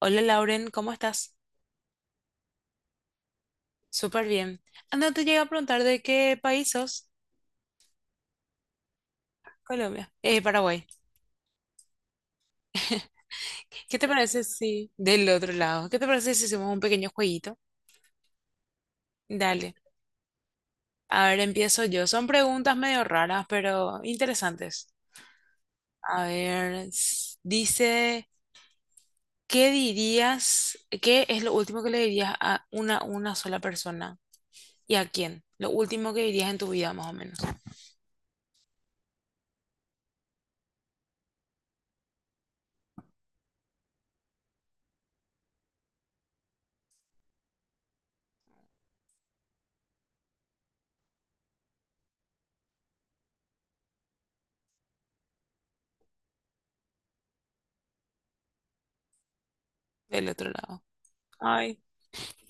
Hola Lauren, ¿cómo estás? Súper bien. Anda, te llega a preguntar de qué país sos. Colombia. Paraguay. ¿Qué te parece si del otro lado? ¿Qué te parece si hacemos un pequeño jueguito? Dale. A ver, empiezo yo. Son preguntas medio raras, pero interesantes. A ver, dice, ¿qué dirías? ¿Qué es lo último que le dirías a una sola persona? ¿Y a quién? Lo último que dirías en tu vida, más o menos. Del otro lado. Ay,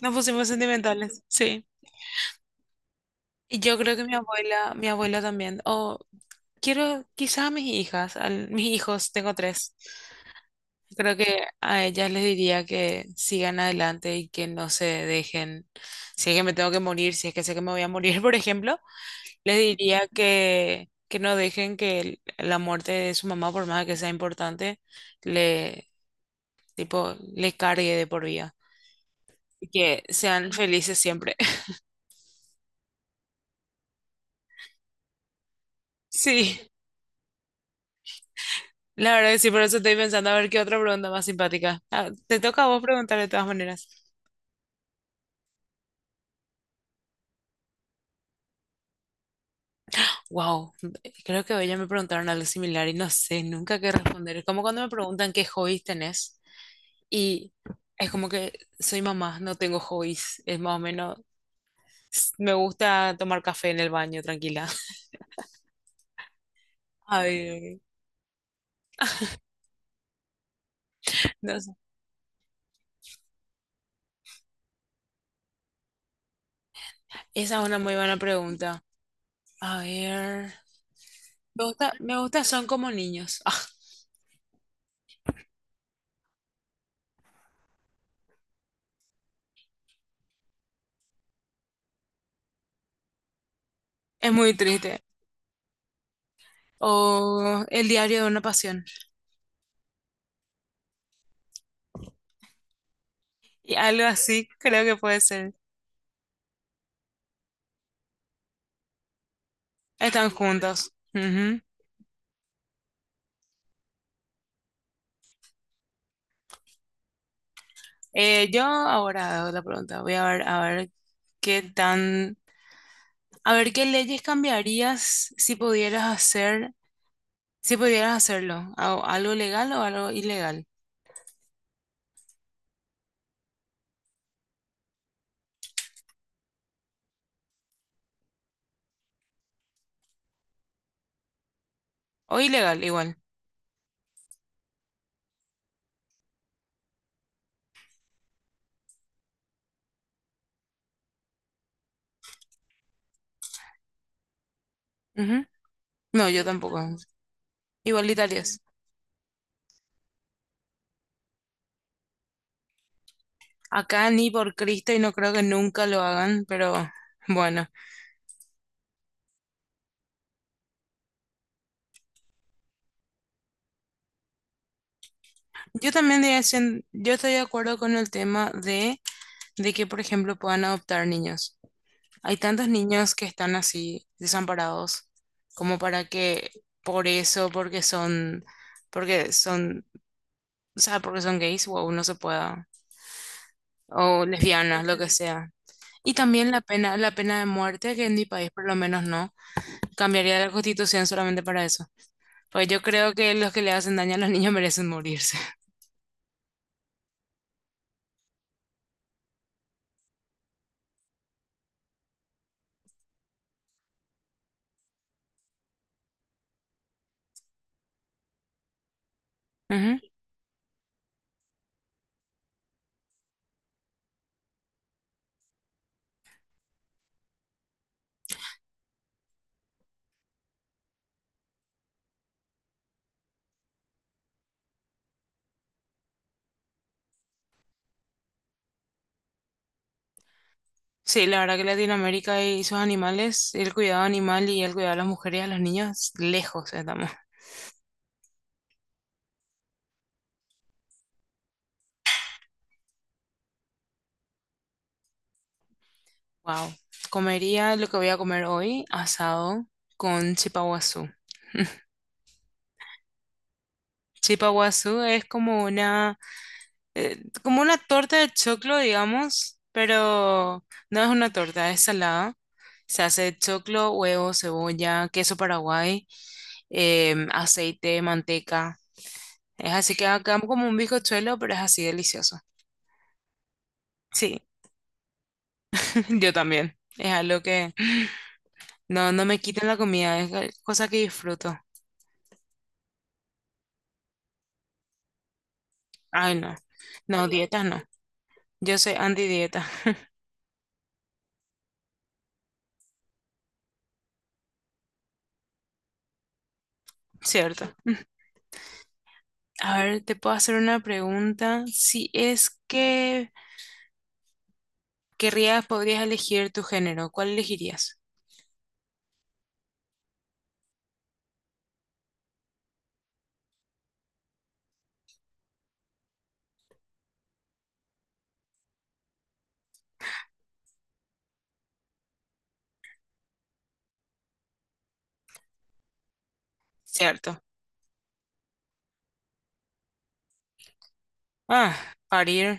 nos pusimos sentimentales. Sí. Yo creo que mi abuela también. O quiero, quizás a mis hijas, a mis hijos, tengo tres. Creo que a ellas les diría que sigan adelante y que no se dejen. Si es que me tengo que morir, si es que sé que me voy a morir, por ejemplo, les diría que no dejen que la muerte de su mamá, por más que sea importante, le, tipo, le cargue de por vida. Y que sean felices siempre. Sí. La verdad que sí, por eso estoy pensando a ver qué otra pregunta más simpática. Ah, te toca a vos preguntar de todas maneras. Wow, creo que hoy ya me preguntaron algo similar y no sé nunca qué responder. Es como cuando me preguntan qué hobbies tenés y es como que soy mamá, no tengo hobbies. Es más o menos, me gusta tomar café en el baño, tranquila. A ver, no sé. Esa es una muy buena pregunta. A ver, me gusta son como niños. Ah, es muy triste. O el diario de una pasión. Y algo así, creo que puede ser. Están juntos. Ujú. Yo ahora hago la pregunta. Voy a ver, qué tan, a ver qué leyes cambiarías si pudieras hacer, si pudieras hacerlo. Algo legal o algo ilegal? O ilegal, igual. Ujú. No, yo tampoco. Igualitarias. Acá ni por Cristo y no creo que nunca lo hagan, pero bueno. Yo también diría, yo estoy de acuerdo con el tema de que, por ejemplo, puedan adoptar niños. Hay tantos niños que están así, desamparados, como para que por eso, porque son, o sea, porque son gays, o no se pueda, o lesbianas, lo que sea. Y también la pena de muerte, que en mi país por lo menos no, cambiaría la constitución solamente para eso. Pues yo creo que los que le hacen daño a los niños merecen morirse. Ujú. Sí, la verdad que Latinoamérica y sus animales, el cuidado animal y el cuidado a las mujeres y a los niños, lejos estamos. Wow. Comería lo que voy a comer hoy, asado con chipaguazú. Chipaguazú es como una torta de choclo, digamos, pero no es una torta, es salada. Se hace de choclo, huevo, cebolla, queso paraguay, aceite, manteca. Es así que acá como un bizcochuelo, pero es así delicioso. Sí, yo también. Es algo que no me quiten la comida, es cosa que disfruto. Ay, no. No, dietas no. Yo soy antidieta, ¿cierto? A ver, te puedo hacer una pregunta. Si es que querrías, podrías elegir tu género, ¿cuál elegirías? ¿Cierto? Ah, parir.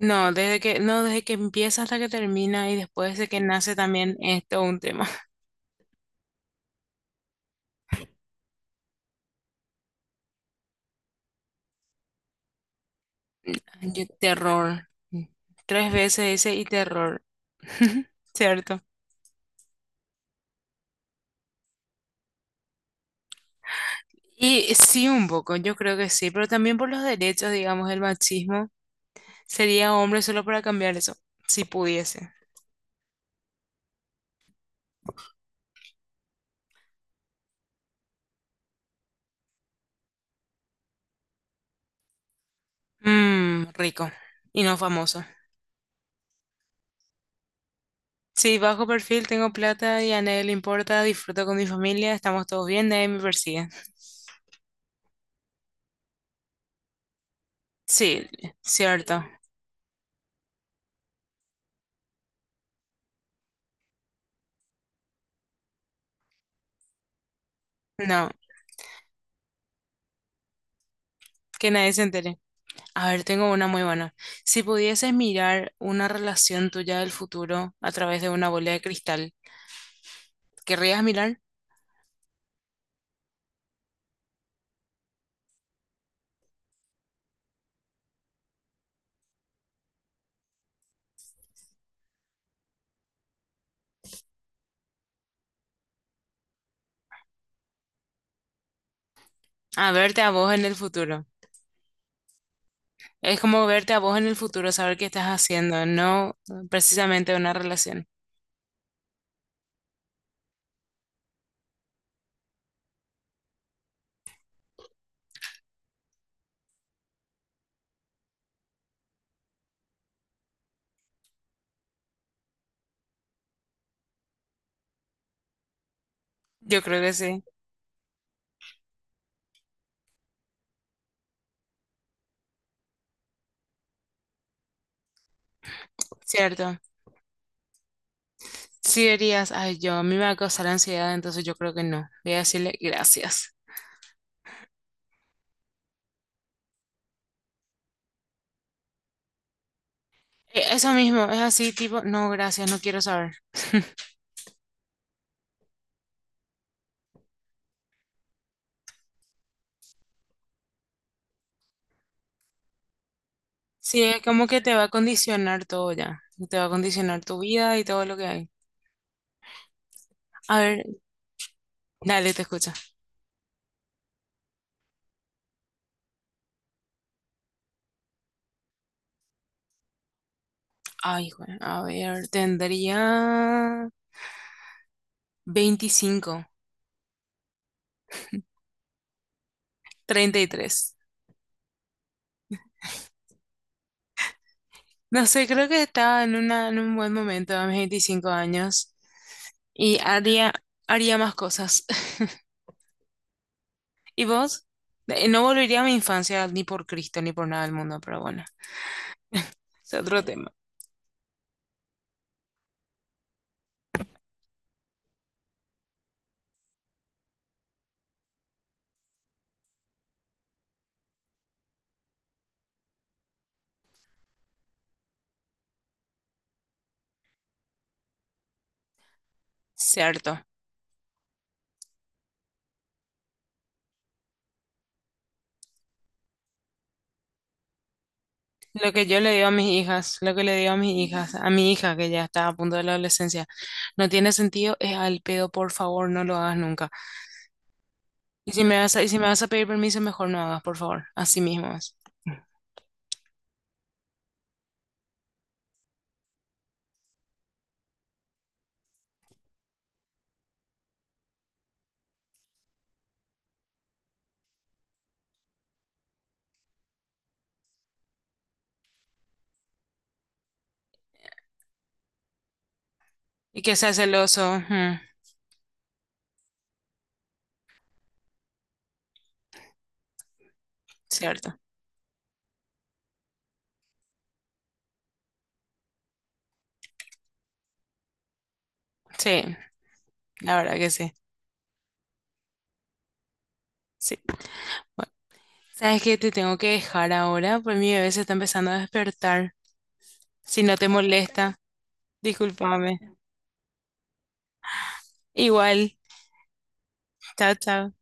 No, no, desde que empieza hasta que termina y después de que nace también es todo un tema. Yo, terror. Tres veces ese y terror. ¿Cierto? Y sí, un poco, yo creo que sí, pero también por los derechos, digamos, el machismo. Sería hombre solo para cambiar eso, si pudiese. Mmm, rico y no famoso. Sí, bajo perfil, tengo plata y a nadie le importa, disfruto con mi familia, estamos todos bien, nadie me persigue. Sí, cierto. No, que nadie se entere. A ver, tengo una muy buena. Si pudieses mirar una relación tuya del futuro a través de una bola de cristal, ¿querrías mirar? A verte a vos en el futuro. Es como verte a vos en el futuro, saber qué estás haciendo, no precisamente una relación. Yo creo que sí, cierto. Sí dirías, ay, yo, a mí me va a causar ansiedad, entonces yo creo que no. Voy a decirle gracias. Eso mismo, es así, tipo, no, gracias, no quiero saber. Sí, es como que te va a condicionar todo ya. Te va a condicionar tu vida y todo lo que hay. A ver, dale, te escucha. Ay, hijo, a ver, tendría 25 33. No sé, creo que estaba en un buen momento a mis 25 años y haría, haría más cosas. ¿Y vos? No volvería a mi infancia ni por Cristo ni por nada del mundo, pero bueno, es otro tema. Cierto. Lo que yo le digo a mis hijas, lo que le digo a mis hijas, a mi hija que ya está a punto de la adolescencia, no tiene sentido, es al pedo, por favor, no lo hagas nunca. Y si me vas a pedir permiso, mejor no hagas, por favor, así mismo es. Y que sea celoso, mm, cierto. Sí, la verdad que sí. Sí. Bueno, ¿sabes qué? Te tengo que dejar ahora, pues mi bebé se está empezando a despertar. Si no te molesta, discúlpame. Igual, chao, chao.